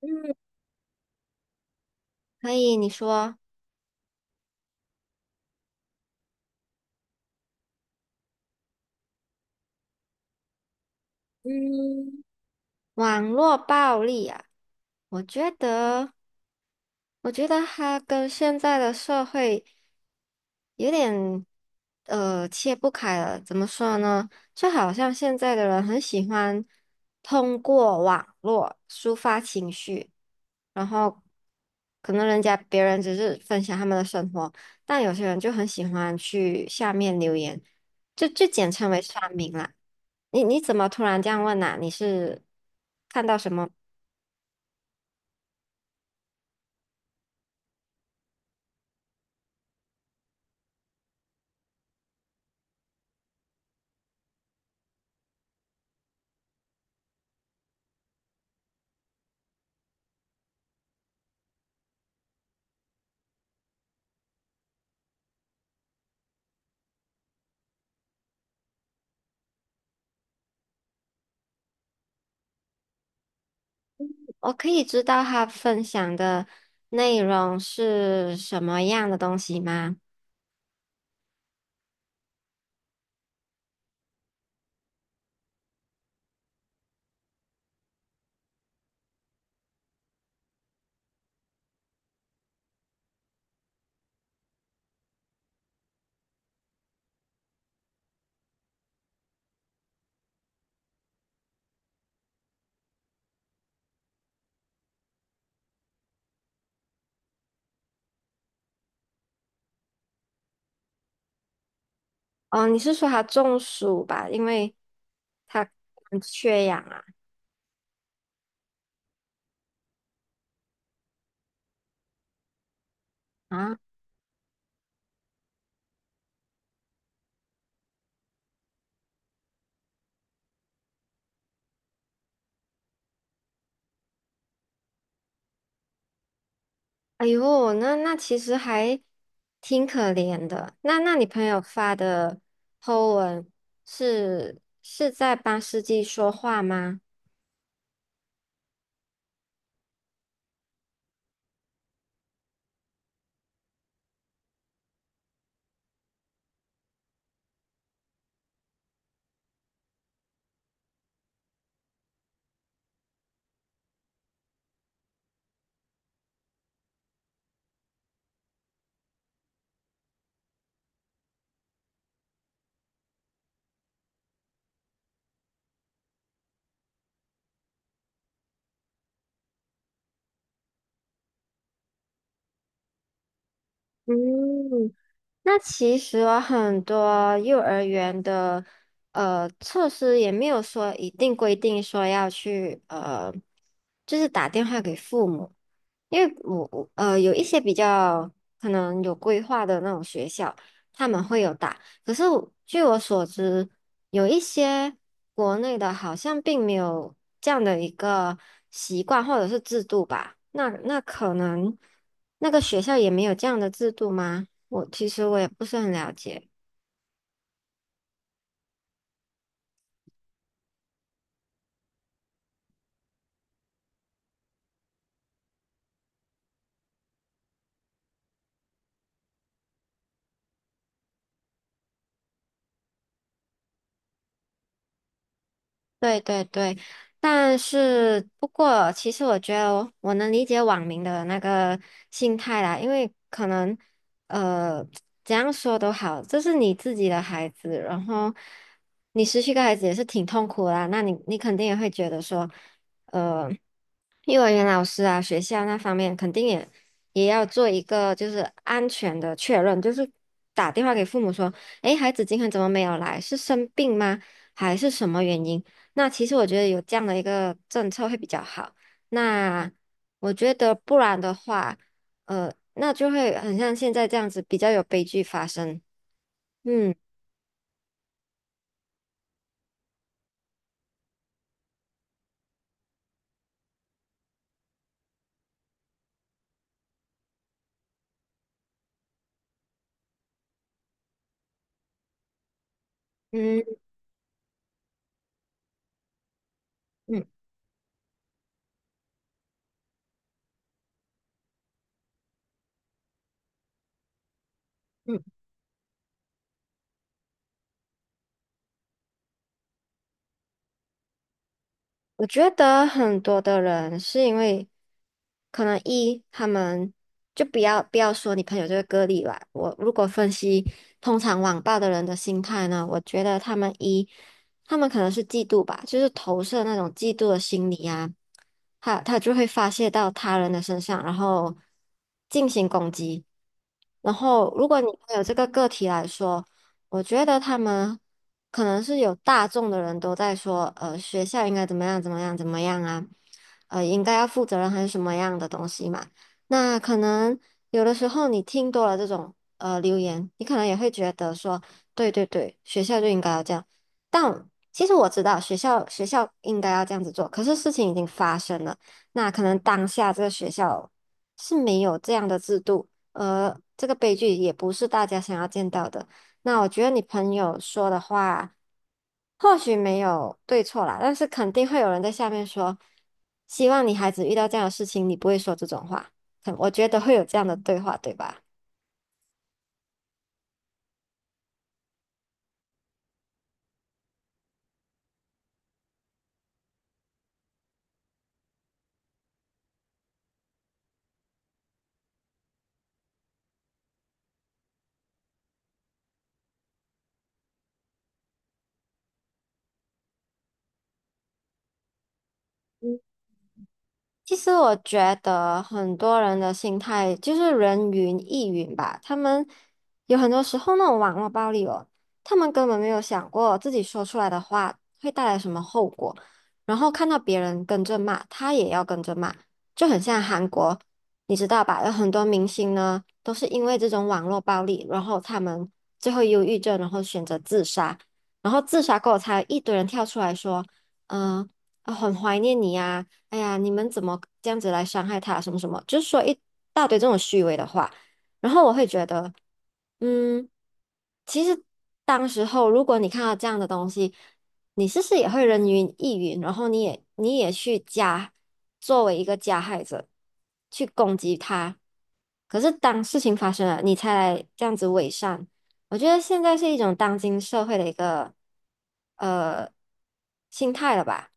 嗯，可以，你说。嗯，网络暴力啊，我觉得，我觉得它跟现在的社会有点切不开了。怎么说呢？就好像现在的人很喜欢通过网络抒发情绪，然后可能别人只是分享他们的生活，但有些人就很喜欢去下面留言，就简称为酸民啦。你怎么突然这样问呐、你是看到什么？我可以知道他分享的内容是什么样的东西吗？哦，你是说他中暑吧？因为他缺氧啊。啊！哎呦，那其实还挺可怜的。那你朋友发的 po 文是是在帮司机说话吗？嗯，那其实啊很多幼儿园的措施也没有说一定规定说要去，呃，就是打电话给父母。因为有一些比较可能有规划的那种学校，他们会有打。可是我据我所知，有一些国内的好像并没有这样的一个习惯或者是制度吧。那那可能那个学校也没有这样的制度吗？其实我也不是很了解。对对对，但是不过，其实我觉得能理解网民的那个心态啦，因为可能，呃怎样说都好，这是你自己的孩子，然后你失去一个孩子也是挺痛苦的啦，那你肯定也会觉得说，呃。幼儿园老师啊，学校那方面肯定也要做一个就是安全的确认，就是打电话给父母说，诶，孩子今天怎么没有来？是生病吗？还是什么原因？那其实我觉得有这样的一个政策会比较好。那我觉得不然的话，呃，那就会很像现在这样子，比较有悲剧发生。嗯。嗯嗯嗯。我觉得很多的人是因为，可能一他们就不要说你朋友这个个例吧。我如果分析通常网暴的人的心态呢，我觉得他们可能是嫉妒吧，就是投射那种嫉妒的心理啊，他就会发泄到他人的身上，然后进行攻击。然后，如果你有这个个体来说，我觉得他们可能是有大众的人都在说，呃，学校应该怎么样怎么样怎么样啊，呃，应该要负责任还是什么样的东西嘛？那可能有的时候你听多了这种留言，你可能也会觉得说，对对对，学校就应该要这样。但其实我知道学校应该要这样子做，可是事情已经发生了，那可能当下这个学校是没有这样的制度。而这个悲剧也不是大家想要见到的。那我觉得你朋友说的话，或许没有对错啦，但是肯定会有人在下面说，希望你孩子遇到这样的事情，你不会说这种话。可我觉得会有这样的对话，对吧？其实我觉得很多人的心态就是人云亦云吧，他们有很多时候那种网络暴力哦，他们根本没有想过自己说出来的话会带来什么后果，然后看到别人跟着骂，他也要跟着骂，就很像韩国，你知道吧？有很多明星呢都是因为这种网络暴力，然后他们最后忧郁症，然后选择自杀，然后自杀过后才有一堆人跳出来说，嗯、啊,很怀念你啊。哎呀，你们怎么这样子来伤害他？什么什么，就是说一大堆这种虚伪的话。然后我会觉得，嗯，其实当时候如果你看到这样的东西，你是不是也会人云亦云？然后你也去加，作为一个加害者去攻击他。可是当事情发生了，你才来这样子伪善。我觉得现在是一种当今社会的一个呃心态了吧。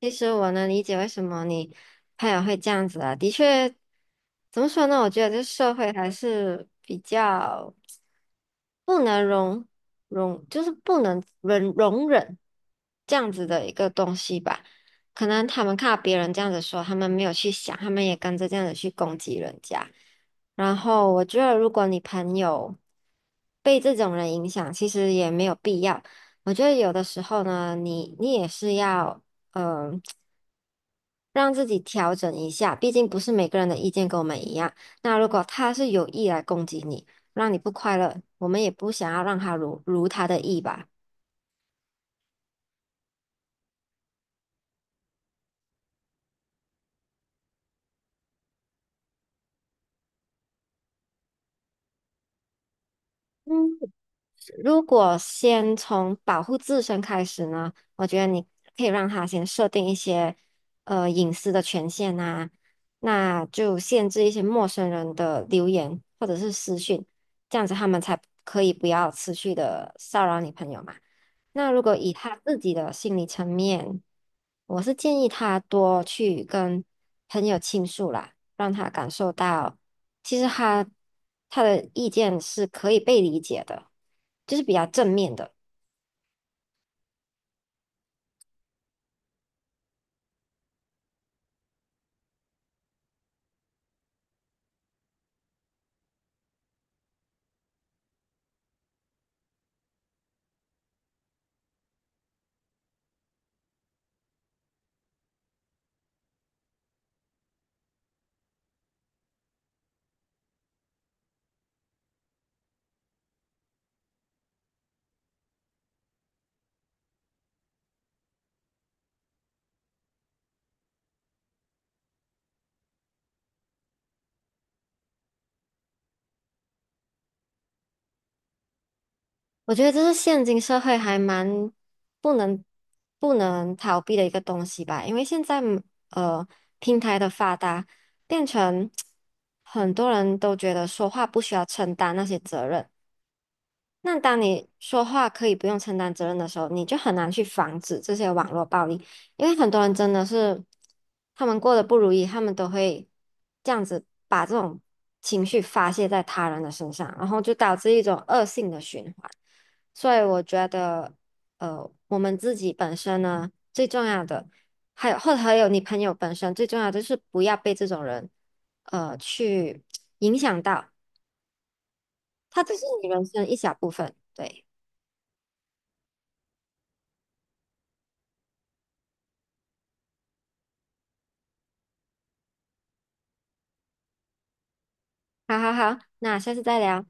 其实我能理解为什么你朋友会这样子啊，的确，怎么说呢？我觉得这社会还是比较不能容容，就是不能忍容忍这样子的一个东西吧。可能他们看到别人这样子说，他们没有去想，他们也跟着这样子去攻击人家。然后我觉得，如果你朋友被这种人影响，其实也没有必要。我觉得有的时候呢，你也是要。嗯、呃让自己调整一下，毕竟不是每个人的意见跟我们一样。那如果他是有意来攻击你，让你不快乐，我们也不想要让他如他的意吧。嗯，如果先从保护自身开始呢，我觉得你可以让他先设定一些隐私的权限啊，那就限制一些陌生人的留言或者是私讯，这样子他们才可以不要持续的骚扰你朋友嘛。那如果以他自己的心理层面，我是建议他多去跟朋友倾诉啦，让他感受到其实他的意见是可以被理解的，就是比较正面的。我觉得这是现今社会还蛮不能不能逃避的一个东西吧，因为现在呃平台的发达，变成 很多人都觉得说话不需要承担那些责任。那当你说话可以不用承担责任的时候，你就很难去防止这些网络暴力，因为很多人真的是，他们过得不如意，他们都会这样子把这种情绪发泄在他人的身上，然后就导致一种恶性的循环。所以我觉得，呃，我们自己本身呢，最重要的，或者还有你朋友本身最重要的就是不要被这种人，呃，去影响到，他只是你人生一小部分，对。好好好，那下次再聊。